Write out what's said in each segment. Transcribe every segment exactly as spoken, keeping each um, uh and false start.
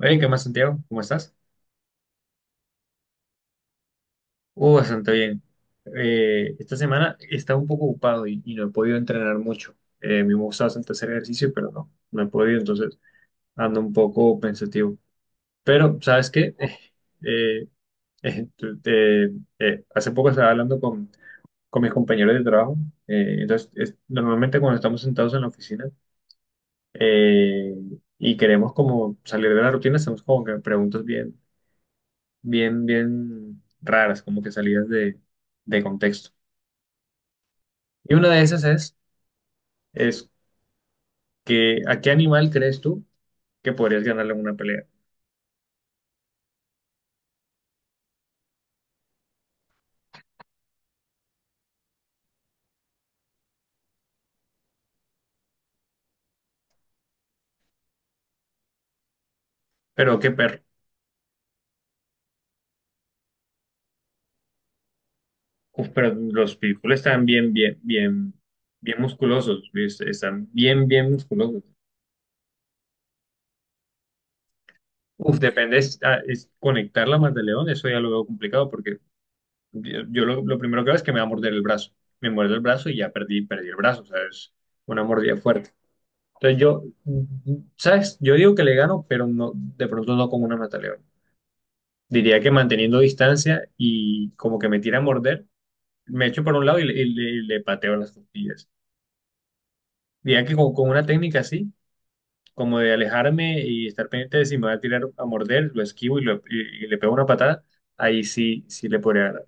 Oye, ¿qué más, Santiago? ¿Cómo estás? Uh, bastante bien. Eh, esta semana he estado un poco ocupado y, y no he podido entrenar mucho. Eh, me gusta bastante hacer ejercicio, pero no, no he podido, entonces ando un poco pensativo. Pero, ¿sabes qué? Eh, eh, eh, tu- te- eh, Hace poco estaba hablando con, con mis compañeros de trabajo. Eh, entonces, es- normalmente cuando estamos sentados en la oficina eh, y queremos como salir de la rutina, hacemos como que preguntas bien. Bien, bien raras, como que salidas de, de contexto. Y una de esas es, es que, ¿a qué animal crees tú que podrías ganarle una pelea? Pero qué perro. Uf, pero los pitbull están bien, bien, bien, bien musculosos, ¿viste? Están bien, bien musculosos. Uf, depende, es, ah, es conectar la más de león, eso ya lo veo complicado porque yo, yo lo, lo primero que veo es que me va a morder el brazo. Me muerde el brazo y ya perdí, perdí el brazo, o sea, es una mordida fuerte. Entonces yo, mm, ¿sabes? Yo digo que le gano, pero no, de pronto no con una mataleón. Diría que manteniendo distancia y como que me tira a morder, me echo por un lado y le, y le- y le pateo las costillas. Diría que con, con una técnica así, como de alejarme y estar pendiente de si me va a tirar a morder, lo esquivo y, lo- y- y le pego una patada, ahí sí, sí le podría ganar.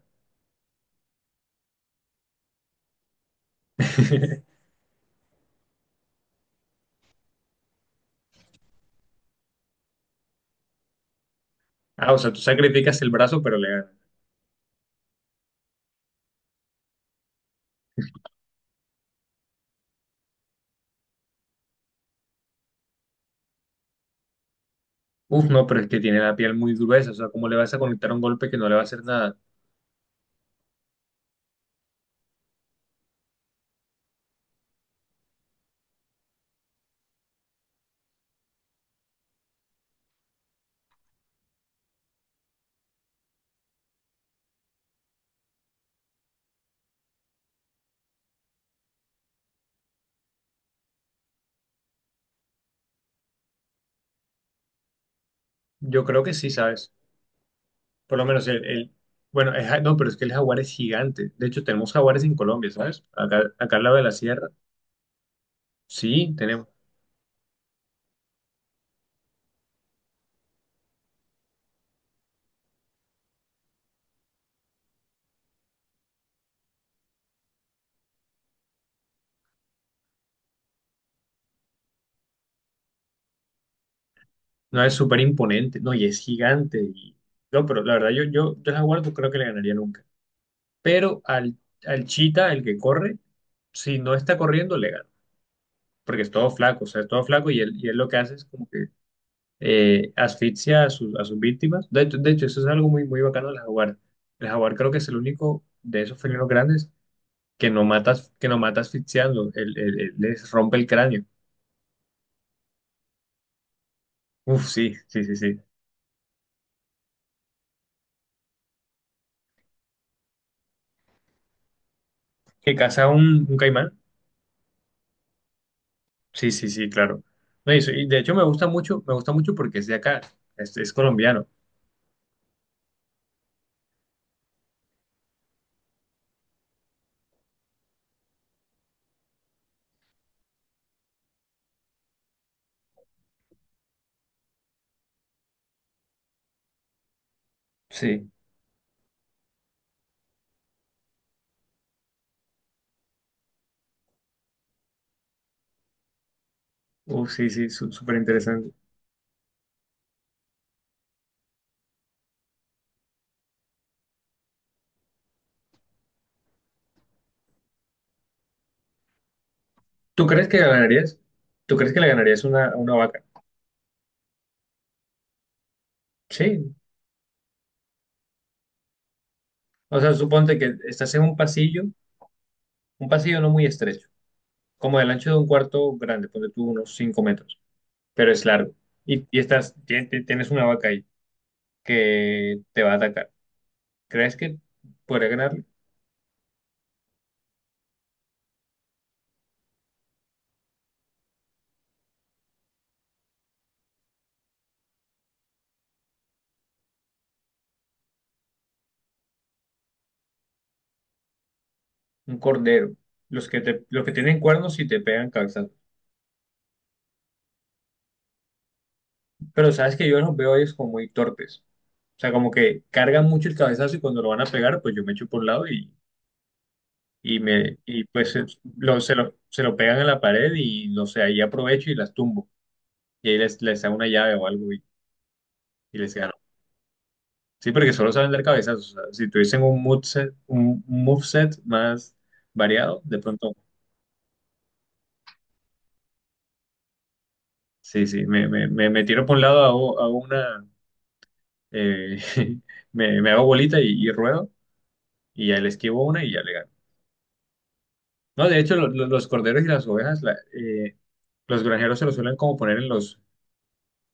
Ah, o sea, tú sacrificas el brazo, pero le ganas. Uf, no, pero es que tiene la piel muy gruesa, o sea, ¿cómo le vas a conectar un golpe que no le va a hacer nada? Yo creo que sí, ¿sabes? Por lo menos el, el- bueno, el ja- no, pero es que el jaguar es gigante. De hecho, tenemos jaguares en Colombia, ¿sabes? Acá, acá al lado de la sierra. Sí, tenemos. No, es súper imponente. No, y es gigante. Y- no, pero la verdad, yo, yo, yo al jaguar no creo que le ganaría nunca. Pero al, al chita, el que corre, si no está corriendo, le gana. Porque es todo flaco, o sea, es todo flaco y él, y él lo que hace es como que eh, asfixia a, sus a sus víctimas. De hecho, de hecho, eso es algo muy, muy bacano del jaguar. El jaguar creo que es el único de esos felinos grandes que no matas, que no mata asfixiando, el- el- el- les rompe el cráneo. Uf, sí, sí, sí, sí. ¿Que caza un, un caimán? Sí, sí, sí, claro. No, y, eso- y de hecho me gusta mucho, me gusta mucho porque es de acá, es, es colombiano. Sí. Uf, sí, sí, su- súper interesante. ¿Tú crees que ganarías? ¿Tú crees que le ganarías una, a una vaca? Sí. O sea, suponte que estás en un pasillo, un pasillo no muy estrecho, como del ancho de un cuarto grande, ponte tú unos cinco metros, pero es largo. Y, y estás, tien- tien- tienes una vaca ahí. Que te va a atacar. ¿Crees que podría ganarle? Un cordero. Los que, te, los que tienen cuernos y te pegan cabezazos. Pero sabes que yo los veo a ellos como muy torpes. O sea, como que cargan mucho el cabezazo y cuando lo van a pegar, pues yo me echo por un lado y, y, me, y pues se lo, se lo, se lo pegan en la pared y no sé, ahí aprovecho y las tumbo. Y ahí les, les hago una llave o algo y, y les gano. Sí, porque solo saben dar cabezazos. O sea, si tuviesen un moveset, un un moveset más variado, de pronto. Sí, sí, me, me, me, me tiro por un lado, hago, hago una, eh, me, me hago bolita y, y ruedo, y ya le esquivo una y ya le gano. No, de hecho, lo- lo- los corderos y las ovejas, la- eh, los granjeros se los suelen como poner en los,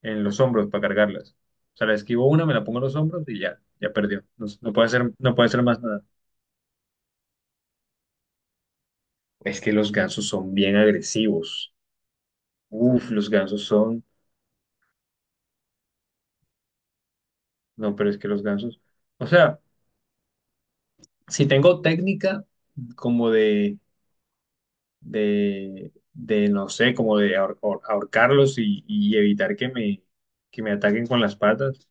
en los hombros para cargarlas. O sea, le esquivo una, me la pongo en los hombros y ya, ya perdió. No, no puede hacer, no puede hacer más nada. Es que los gansos son bien agresivos. Uf, los gansos son, no, pero es que los gansos, o sea, si tengo técnica como de de, de, no sé, como de ahor- ahor- ahorcarlos y, y evitar que me, que me ataquen con las patas.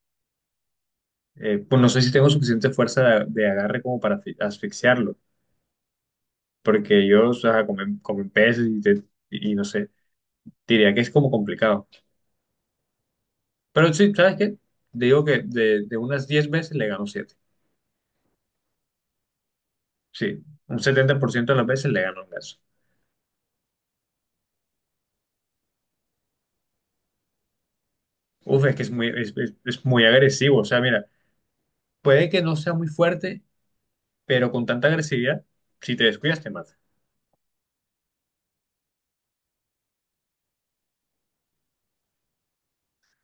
Eh, pues no sé si tengo suficiente fuerza de, de agarre como para asfi- asfixiarlo, porque yo o sea, comen, comen peces y, te- y no sé, diría que es como complicado. Pero sí, ¿sabes qué? Digo que de, de unas diez veces le gano siete. Sí, un setenta por ciento de las veces le gano un ganso. Uf, es que es muy, es es- es muy agresivo. O sea, mira, puede que no sea muy fuerte, pero con tanta agresividad, si te descuidas, te mata.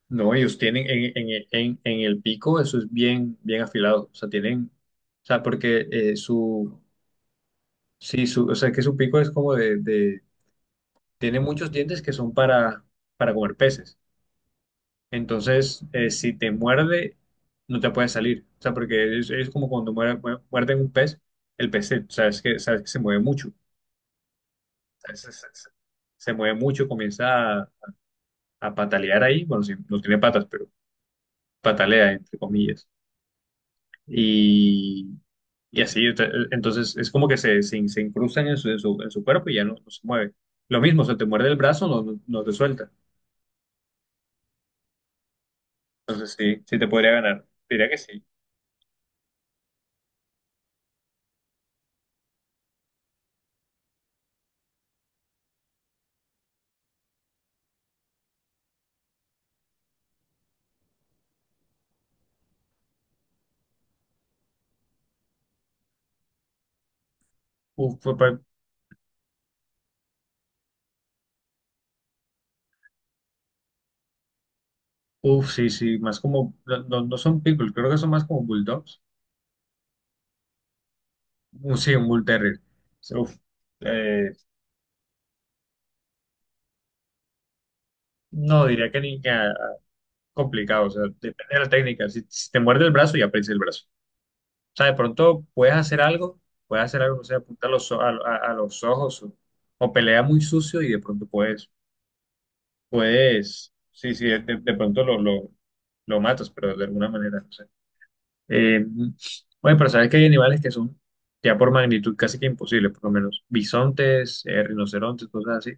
No, ellos tienen en, en- en- en el pico, eso es bien, bien afilado. O sea, tienen, o sea, porque eh, su, sí, su, o sea, que su pico es como de, de- tiene muchos dientes que son para, para comer peces. Entonces, eh, si te muerde, no te puedes salir. O sea, porque es, es como cuando muer- muer- muerden un pez, el pez, se- sabes que, sabes que se mueve mucho. O sea, se, se- se- se mueve mucho, comienza a, a patalear ahí. Bueno, sí, no tiene patas, pero patalea, entre comillas. Y así, ente- entonces es como que se, se, se incrustan en su, en su, en su cuerpo y ya no, no se mueve. Lo mismo, se te muerde el brazo, no, no, no te suelta. Entonces sí, sí te podría ganar. Diría que sí. Uf, fue pa- Uf, sí, sí, más como, no, no no son pitbull, creo que son más como bulldogs. Un- Sí, un bull terrier. Sí, uf. Eh, no, diría que ni que ah, complicado, o sea, depende de la técnica. Si, si te muerde el brazo, ya prensa el brazo. O sea, de pronto puedes hacer algo, puedes hacer algo, no sé, apunta a los, o- a, a- a los ojos o, o pelea muy sucio y de pronto puedes, puedes, sí, sí, de, de pronto lo, lo, lo matas, pero de alguna manera, no sé. Eh, bueno, pero sabes que hay animales que son ya por magnitud casi que imposibles, por lo menos bisontes, eh, rinocerontes, cosas así.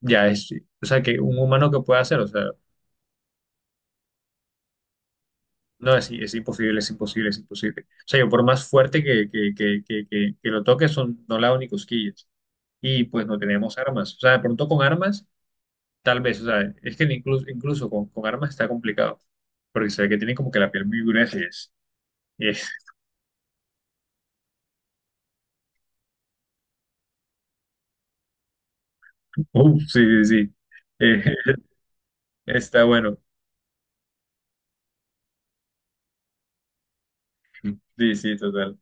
Ya es, o sea, que un humano que pueda hacer, o sea, no, es, es imposible, es imposible, es imposible. O sea, yo por más fuerte que, que, que, que, que, que lo toque, son, no le hago ni cosquillas. Y pues no tenemos armas. O sea, de pronto con armas, tal vez, o sea, es que incluso, incluso con, con armas está complicado, porque se ve que tienen como que la piel muy gruesa y es, y es- uf, sí, sí, sí. Eh, Está bueno, sí, sí, total.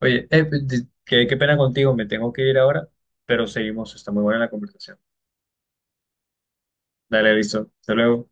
Oye, eh, pues, di- qué, qué pena contigo, me tengo que ir ahora, pero seguimos, está muy buena la conversación. Dale, listo, hasta luego.